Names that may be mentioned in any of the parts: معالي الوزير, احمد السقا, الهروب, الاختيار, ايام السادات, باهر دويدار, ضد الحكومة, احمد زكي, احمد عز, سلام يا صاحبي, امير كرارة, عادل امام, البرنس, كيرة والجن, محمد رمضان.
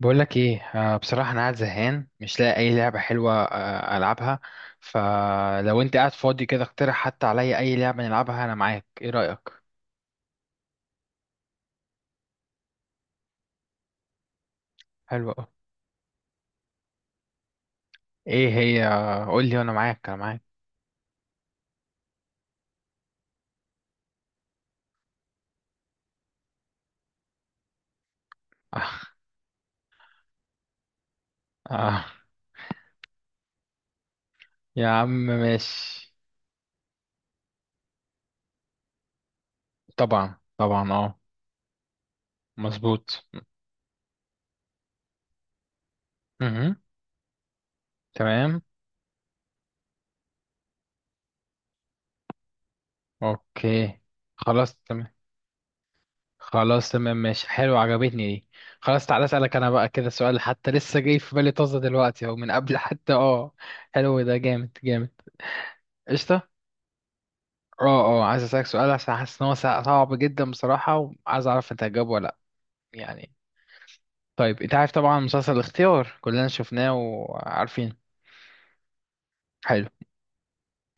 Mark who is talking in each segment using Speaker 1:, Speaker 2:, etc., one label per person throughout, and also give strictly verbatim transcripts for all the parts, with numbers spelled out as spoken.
Speaker 1: بقول لك ايه. آه، بصراحة انا قاعد زهقان مش لاقي اي لعبة حلوة آه العبها. فلو انت قاعد فاضي كده اقترح حتى عليا اي لعبة نلعبها انا معاك، ايه رأيك؟ حلوة أوي. ايه هي؟ آه، قول لي وانا معاك انا معاك آه، يا عم ماشي. طبعا طبعا اه، مظبوط. مهم. تمام. اوكي. خلاص تمام. خلاص تمام ماشي حلو، عجبتني دي. خلاص تعالى اسألك انا بقى كده سؤال، حتى لسه جاي في بالي طازة دلوقتي اهو من قبل حتى اه. حلو ده، جامد جامد. قشطة. اه. اه عايز اسألك سؤال عشان حاسس ان هو سع- صعب جدا بصراحة، وعايز اعرف انت هتجاوبه ولا لا. يعني طيب انت عارف طبعا مسلسل الاختيار كلنا شفناه وعارفين. حلو.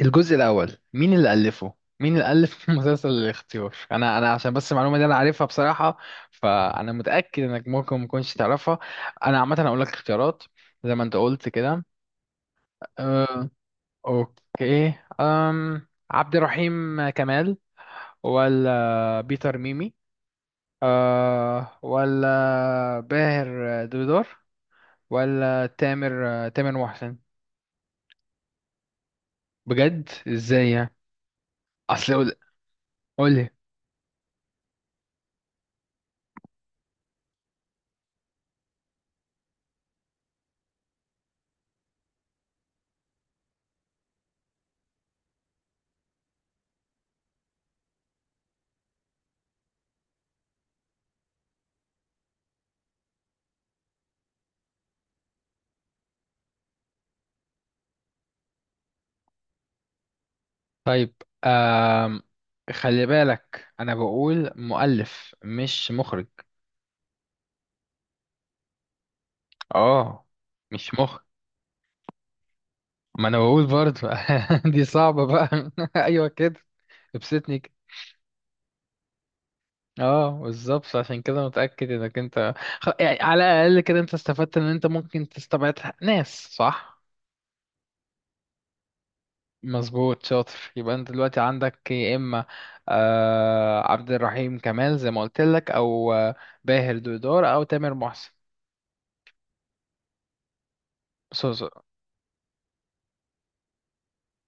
Speaker 1: الجزء الأول مين اللي ألفه؟ مين اللي ألف مسلسل الاختيار؟ أنا أنا عشان بس المعلومة دي أنا عارفها بصراحة، فأنا متأكد إنك ممكن ما تكونش تعرفها. أنا عامة هقول لك اختيارات زي ما أنت قلت كده. أه. أوكي. أم عبد الرحيم كمال، ولا بيتر ميمي، أه ولا باهر دودار، ولا تامر تامر محسن. بجد إزاي يعني؟ أصل قول. قول لي. طيب. آم، خلي بالك انا بقول مؤلف مش مخرج. اه مش مخرج. ما انا بقول برضه. دي صعبة بقى ايوه كده، ابسطني كده. اه بالظبط، عشان كده متأكد انك انت، خ- يعني على الاقل كده انت استفدت ان انت ممكن تستبعد ناس صح. مظبوط شاطر، يبقى انت دلوقتي عندك يا اما آه عبد الرحيم كمال زي ما قلت لك، او آه، باهر دودار، او تامر محسن.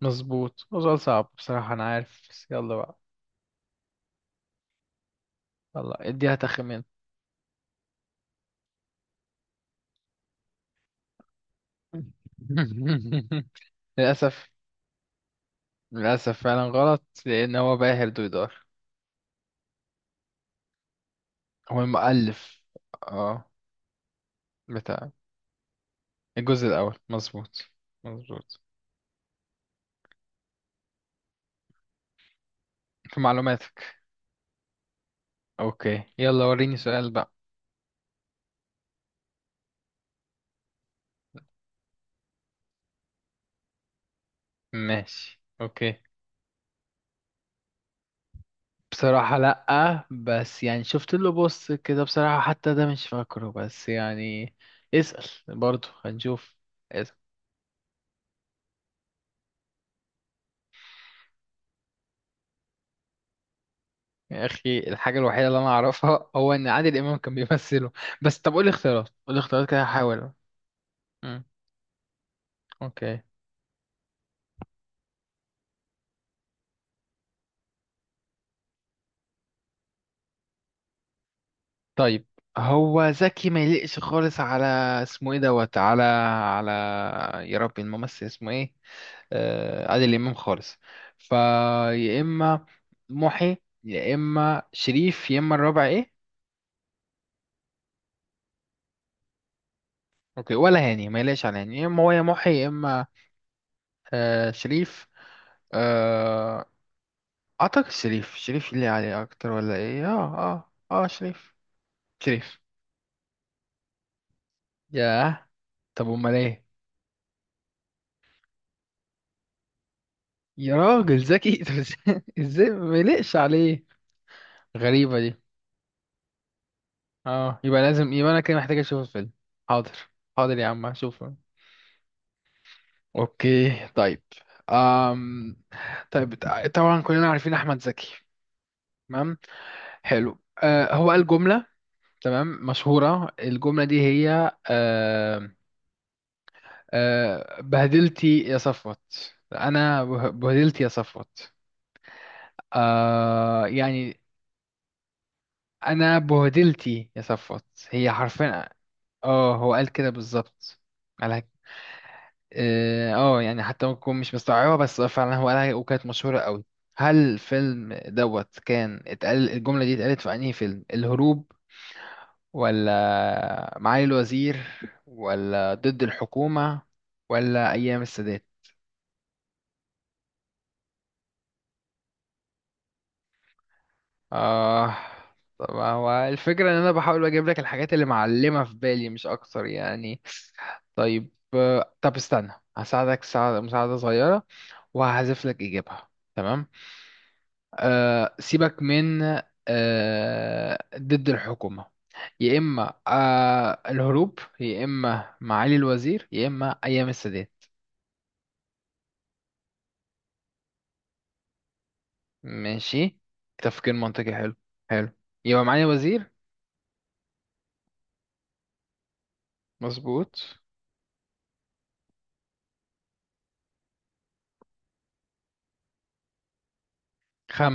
Speaker 1: مظبوط، هو سؤال صعب بصراحة أنا عارف، بس يلا بقى. يلا اديها تخمين. للأسف. للأسف فعلا غلط لأن هو باهر دويدار، هو المؤلف. اه، بتاع الجزء الأول، مظبوط مظبوط. في معلوماتك. أوكي يلا وريني سؤال بقى. ماشي أوكي. بصراحة لأ، بس يعني شفت له بص كده، بصراحة حتى ده مش فاكره، بس يعني اسأل برضو هنشوف. يا اخي الحاجه الوحيده اللي انا اعرفها هو ان عادل امام كان بيمثله بس، طب قولي اختيارات قولي اختيارات كده هحاول. امم. اوكي. طيب، هو زكي ما يليقش خالص على اسمه ايه دوت، على، على، يا ربي الممثل اسمه ايه، آه عادل امام، خالص. فيا اما محي، يا اما شريف، يا اما الرابع ايه. اوكي ولا هاني؟ ما يليقش على هاني. يا اما هو يا محي يا اما آه شريف. آه، اعتقد شريف. شريف اللي عليه اكتر، ولا ايه؟ اه اه اه شريف. شريف. ياه، طب امال ايه؟ يا راجل ذكي طب ازاي؟ إزاي ما يلقش عليه؟ غريبة دي. اه يبقى لازم، يبقى انا كده محتاج اشوف الفيلم. حاضر. حاضر يا عم هشوفه. اوكي طيب. أم... طيب، طبعا كلنا عارفين احمد زكي. تمام. حلو أه، هو قال جملة تمام مشهورة، الجملة دي هي، آه، بهدلتي يا صفوت، انا به- بهدلتي يا صفوت. آه يعني انا بهدلتي يا صفوت، هي حرفيا. اه هو قال كده بالظبط، على، اه آه، يعني حتى ممكن أكون مش مستوعبة بس هو فعلا هو قالها وكانت مشهورة قوي. هل الفيلم دوت كان اتقال الجملة دي؟ اتقالت في انهي فيلم؟ الهروب، ولا معالي الوزير، ولا ضد الحكومة، ولا ايام السادات. اه طب هو الفكرة ان انا بحاول اجيب لك الحاجات اللي معلمة في بالي مش اكتر يعني. طيب آه، طب استنى هساعدك ساعدة مساعدة صغيرة وهحذف لك اجابها. تمام. أه سيبك من أه ضد الحكومة. يا اما أه الهروب، يا اما معالي الوزير، يا اما ايام السادات. ماشي، تفكير منطقي حلو. حلو. يبقى معالي الوزير. مظبوط. خم.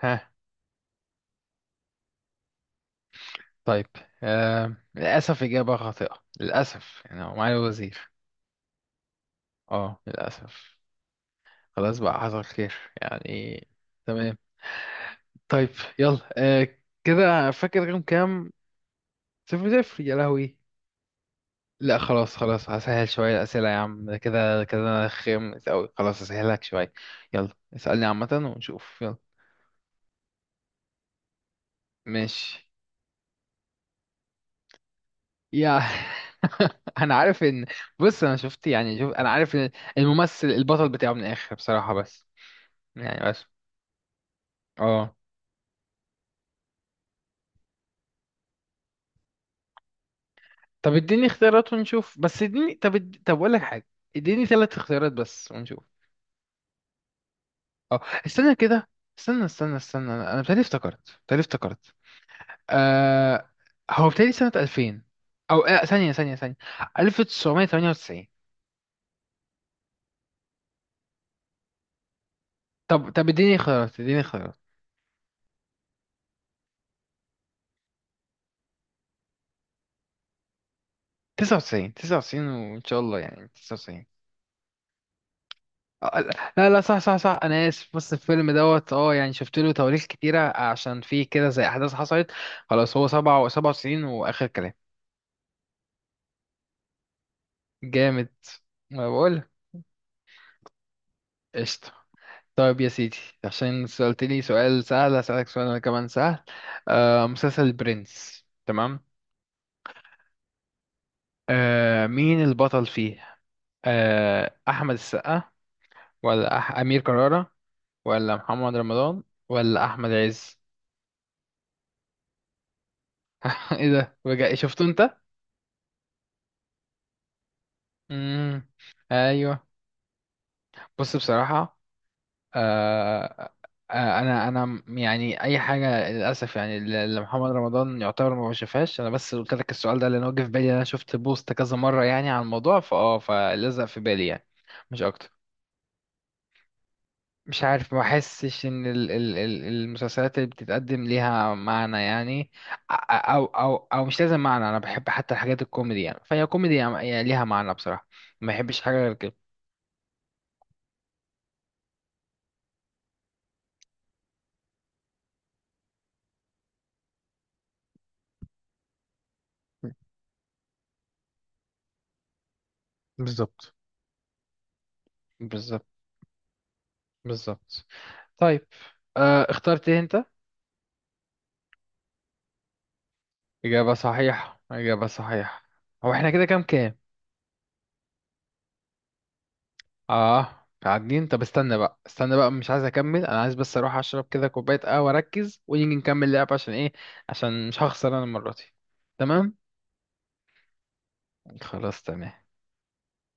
Speaker 1: ها. طيب، آه للأسف إجابة خاطئة، للأسف. يعني هو معالي الوزير. اه للأسف. خلاص بقى حصل خير يعني. تمام. طيب. يلا آه، كده فاكر رقم كام؟ صفر صفر يا لهوي. لا خلاص خلاص، هسهل شوية الأسئلة يا عم ده كده كده أنا خامس أوي، خلاص هسهلك شوية. يلا اسألني عامة ونشوف يلا. ماشي. يا أنا عارف إن، بص أنا شفت يعني، شوف أنا عارف إن الممثل البطل بتاعه من الآخر بصراحة، بس يعني. اه. طب اديني اختيارات ونشوف بس، اديني طب اد... طب اقول لك حاجه. اديني ثلاث اختيارات بس ونشوف. اه. استنى كده. استنى استنى استنى انا أنا بتهيألي افتكرت بتهيألي افتكرت. آه... هو بتهيألي سنه ألفين، او آه... ثانيه ثانيه ثانيه. ألف وتسعمية وتمنية وتسعين. طب طب اديني اختيارات اديني اختيارات. تسعة وتسعين، تسعة وتسعين وان شاء الله، يعني تسعة وتسعين. آه، آه، لا لا صح صح صح انا اسف، بص الفيلم دوت اه يعني شفت له تواريخ كتيره عشان فيه كده زي احداث حصلت. خلاص هو سبعة وتسعين واخر كلام. جامد، ما بقول. قشطة. طيب يا سيدي، عشان سألتني سؤال سهل هسألك سؤال أنا كمان سهل. آه مسلسل البرنس، تمام. آه مين البطل فيه؟ آه أحمد السقا، ولا أح... أمير كرارة، ولا محمد رمضان، ولا أحمد عز. إيه ده، بجد شفته أنت؟ مم. أيوه. بص بصراحة، آه، آه، انا انا م- يعني اي حاجه للاسف يعني اللي اللي محمد رمضان يعتبر ما بشوفهاش انا، بس قلت لك السؤال ده لان هو جه في بالي، انا شفت بوست كذا مره يعني عن الموضوع فاه فلزق في بالي يعني، مش اكتر. مش عارف، ما بحسش ان ال ال ال المسلسلات اللي بتتقدم ليها معنى يعني. أ- او او او مش لازم معنى، انا بحب حتى الحاجات الكوميدي، يعني فهي كوميدي يعني، يعني ليها معنى بصراحه. ما بحبش حاجه غير كده. بالظبط بالظبط بالظبط. طيب، آه، اخترت إيه انت؟ إجابة صحيحة إجابة صحيحة. هو احنا كده كام كام؟ اه قاعدين. طب استنى بقى، استنى بقى مش عايز اكمل، انا عايز بس اروح اشرب كده كوباية قهوة اركز ونيجي نكمل لعب، عشان ايه؟ عشان مش هخسر انا المرة دي. تمام. خلاص تمام.